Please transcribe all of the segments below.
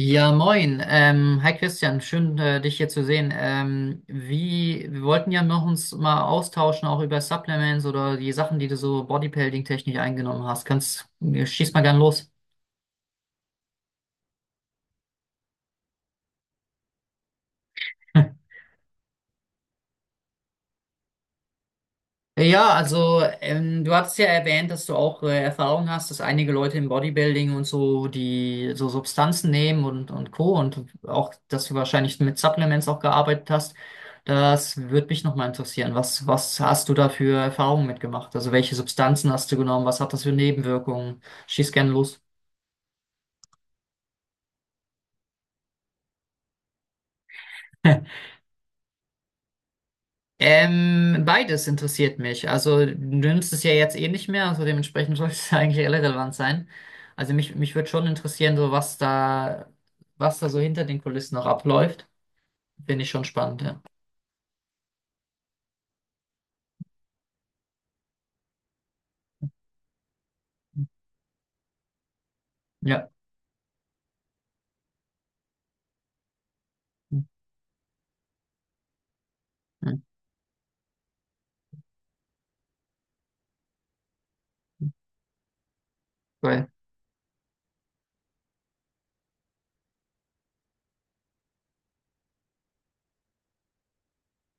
Ja, moin. Hi Christian, schön dich hier zu sehen. Wir wollten ja noch uns mal austauschen, auch über Supplements oder die Sachen, die du so bodybuilding-technisch eingenommen hast. Schieß mal gern los. Ja, also du hattest ja erwähnt, dass du auch Erfahrung hast, dass einige Leute im Bodybuilding und so, die so Substanzen nehmen und Co. und auch, dass du wahrscheinlich mit Supplements auch gearbeitet hast. Das würde mich nochmal interessieren. Was hast du da für Erfahrungen mitgemacht? Also welche Substanzen hast du genommen? Was hat das für Nebenwirkungen? Schieß gerne los. Beides interessiert mich. Also du nimmst es ja jetzt eh nicht mehr, also dementsprechend sollte es eigentlich irrelevant sein. Also mich würde schon interessieren, so was da so hinter den Kulissen noch abläuft. Finde ich schon spannend, ja. Ja. Mhm. Cool.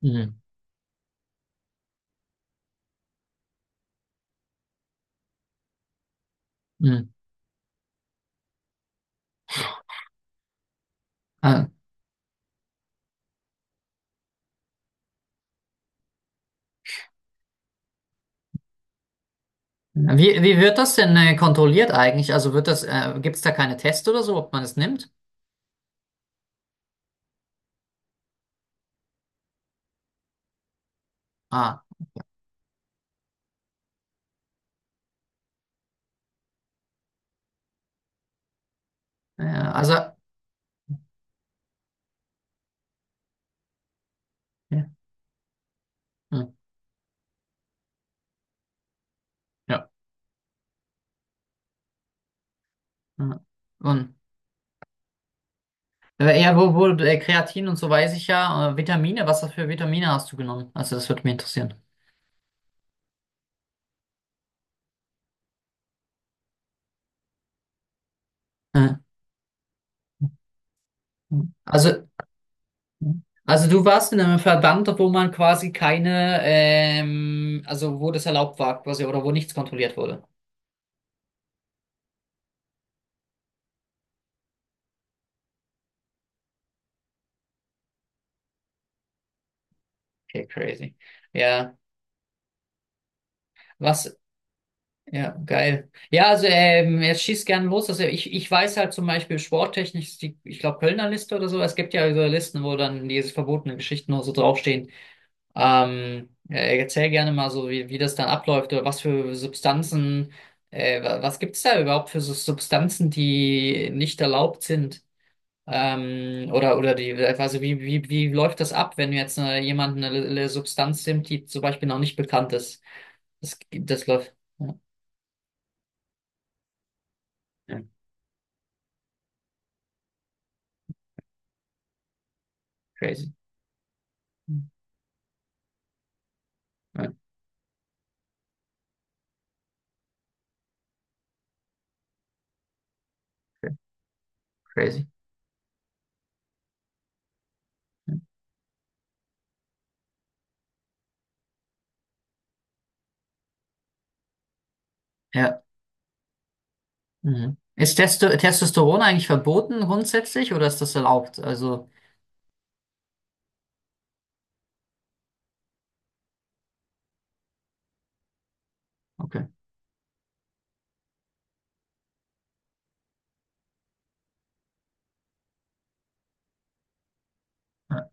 Mhm. Mhm. Ah. Wie wird das denn kontrolliert eigentlich? Also wird das, gibt es da keine Tests oder so, ob man es nimmt? Ah, ja, also. Ja. Mhm. Ja. Mhm. Und äh, ja, Kreatin und so weiß ich ja. Vitamine, was für Vitamine hast du genommen? Also das würde mich interessieren. Ja. Also, also du warst in einem Verband, wo man quasi keine, also wo das erlaubt war quasi oder wo nichts kontrolliert wurde. Okay, crazy. Ja, was, ja, geil. Ja, also jetzt schießt gerne los. Also ich weiß halt zum Beispiel sporttechnisch, ist die, ich glaube Kölner Liste oder so, es gibt ja so Listen, wo dann diese verbotenen Geschichten nur so draufstehen. Erzähl gerne mal so, wie das dann abläuft oder was für Substanzen, was gibt's da überhaupt für so Substanzen, die nicht erlaubt sind? Oder die, also wie läuft das ab, wenn jetzt jemand eine Substanz nimmt, die zum Beispiel noch nicht bekannt ist? Das läuft. Ja, ja, crazy. Ja, crazy. Ja. Mhm. Ist Testosteron eigentlich verboten grundsätzlich oder ist das erlaubt? Also, okay. Ja,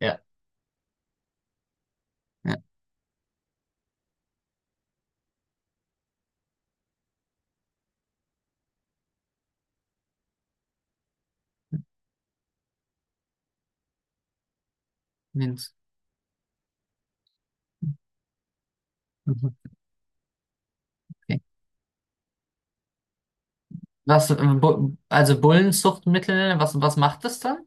ja. Ja. Mindest- Mhm. Okay. Was, also Bullenzuchtmittel, was macht das dann?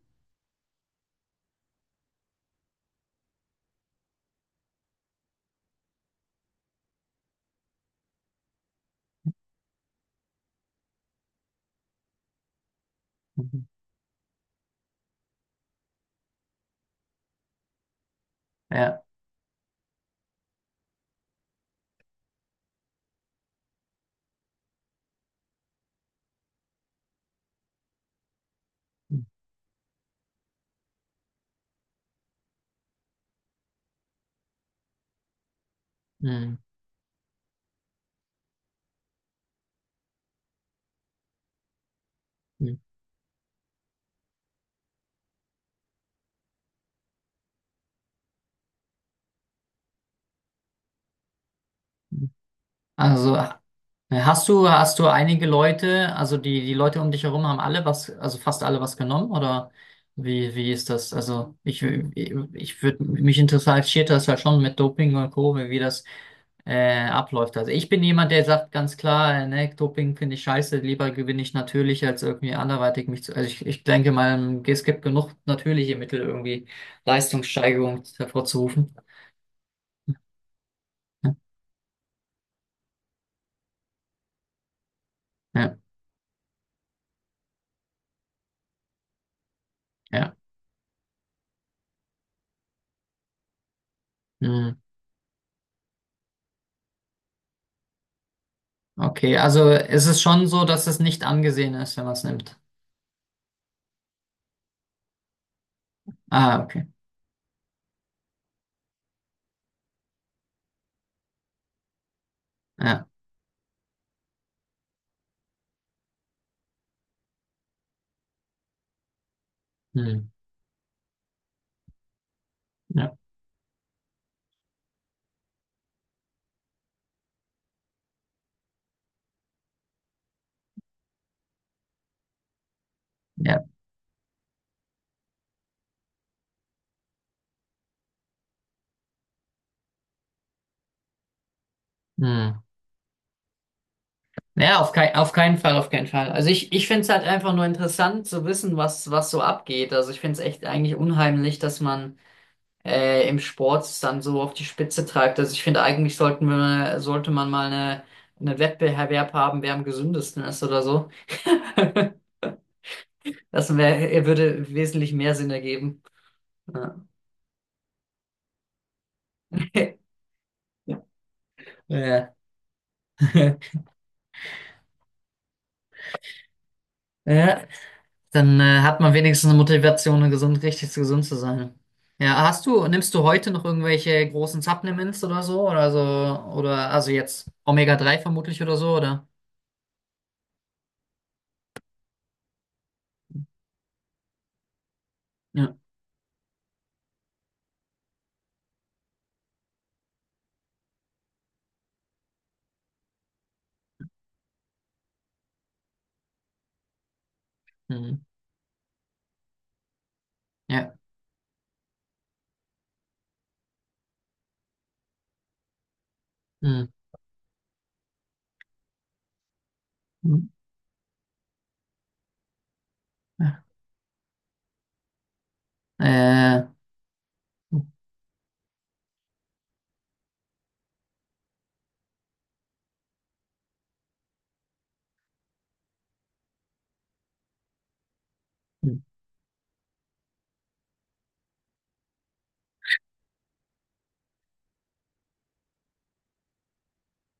Mhm. Ja. Mhm. Mhm. Also hast du einige Leute, also die Leute um dich herum haben alle was, also fast alle was genommen oder wie ist das? Also ich würde, mich interessiert das halt schon mit Doping und Co., wie wie das abläuft. Also ich bin jemand, der sagt ganz klar, ne, Doping finde ich scheiße, lieber gewinne ich natürlich, als irgendwie anderweitig mich zu. Also ich denke mal, es gibt genug natürliche Mittel, irgendwie Leistungssteigerung hervorzurufen. Ja, ja. Ja. Hm. Okay, also es ist es schon so, dass es nicht angesehen ist, wenn man es nimmt. Ah, okay. Ja. Hm. Ja. Ja. Hm. Ja, auf kein, auf keinen Fall, auf keinen Fall. Also ich finde es halt einfach nur interessant zu wissen, was so abgeht. Also ich finde es echt eigentlich unheimlich, dass man im Sport es dann so auf die Spitze treibt. Also ich finde, eigentlich sollte man mal einen Wettbewerb haben, wer am gesündesten ist oder so. Das würde wesentlich mehr Sinn ergeben. Ja. Ja. Ja. Dann hat man wenigstens eine Motivation, gesund, richtig gesund zu sein. Ja, hast du, nimmst du heute noch irgendwelche großen Supplements oder so? Oder also jetzt Omega-3 vermutlich oder so, oder? Ja. Mhm. Ja. Mhm. Mhm. Ja. Äh.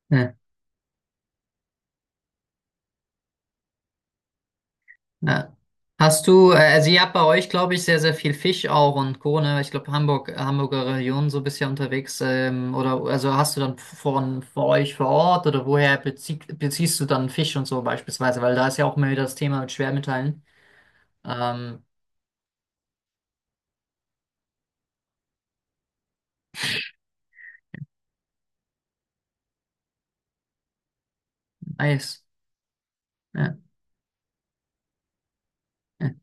Ja, ja. Hast du, also ihr habt bei euch, glaube ich, sehr, sehr viel Fisch auch und Co., ne? Ich glaube, Hamburger Region so bisher unterwegs. Oder also hast du dann von vor Ort oder woher beziehst du dann Fisch und so beispielsweise? Weil da ist ja auch immer wieder das Thema mit Schwermetallen. Ähm, nice. Ja, ja,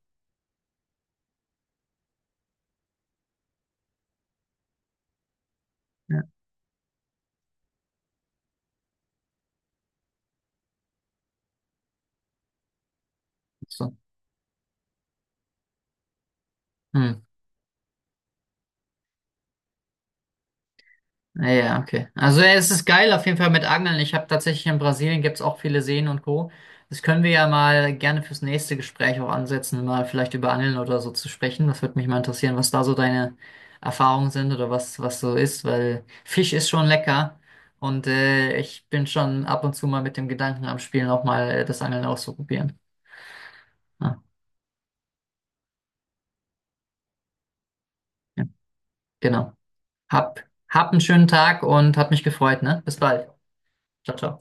ja. So. Hm. Ah, ja, okay. Also ja, es ist geil auf jeden Fall mit Angeln. Ich habe tatsächlich in Brasilien gibt's auch viele Seen und Co. Das können wir ja mal gerne fürs nächste Gespräch auch ansetzen, mal vielleicht über Angeln oder so zu sprechen. Das würde mich mal interessieren, was da so deine Erfahrungen sind oder was, was so ist, weil Fisch ist schon lecker und ich bin schon ab und zu mal mit dem Gedanken am Spielen auch mal das Angeln auszuprobieren. Ah, ja, genau. Hab, hab einen schönen Tag und hat mich gefreut, ne? Bis bald. Ciao, ciao.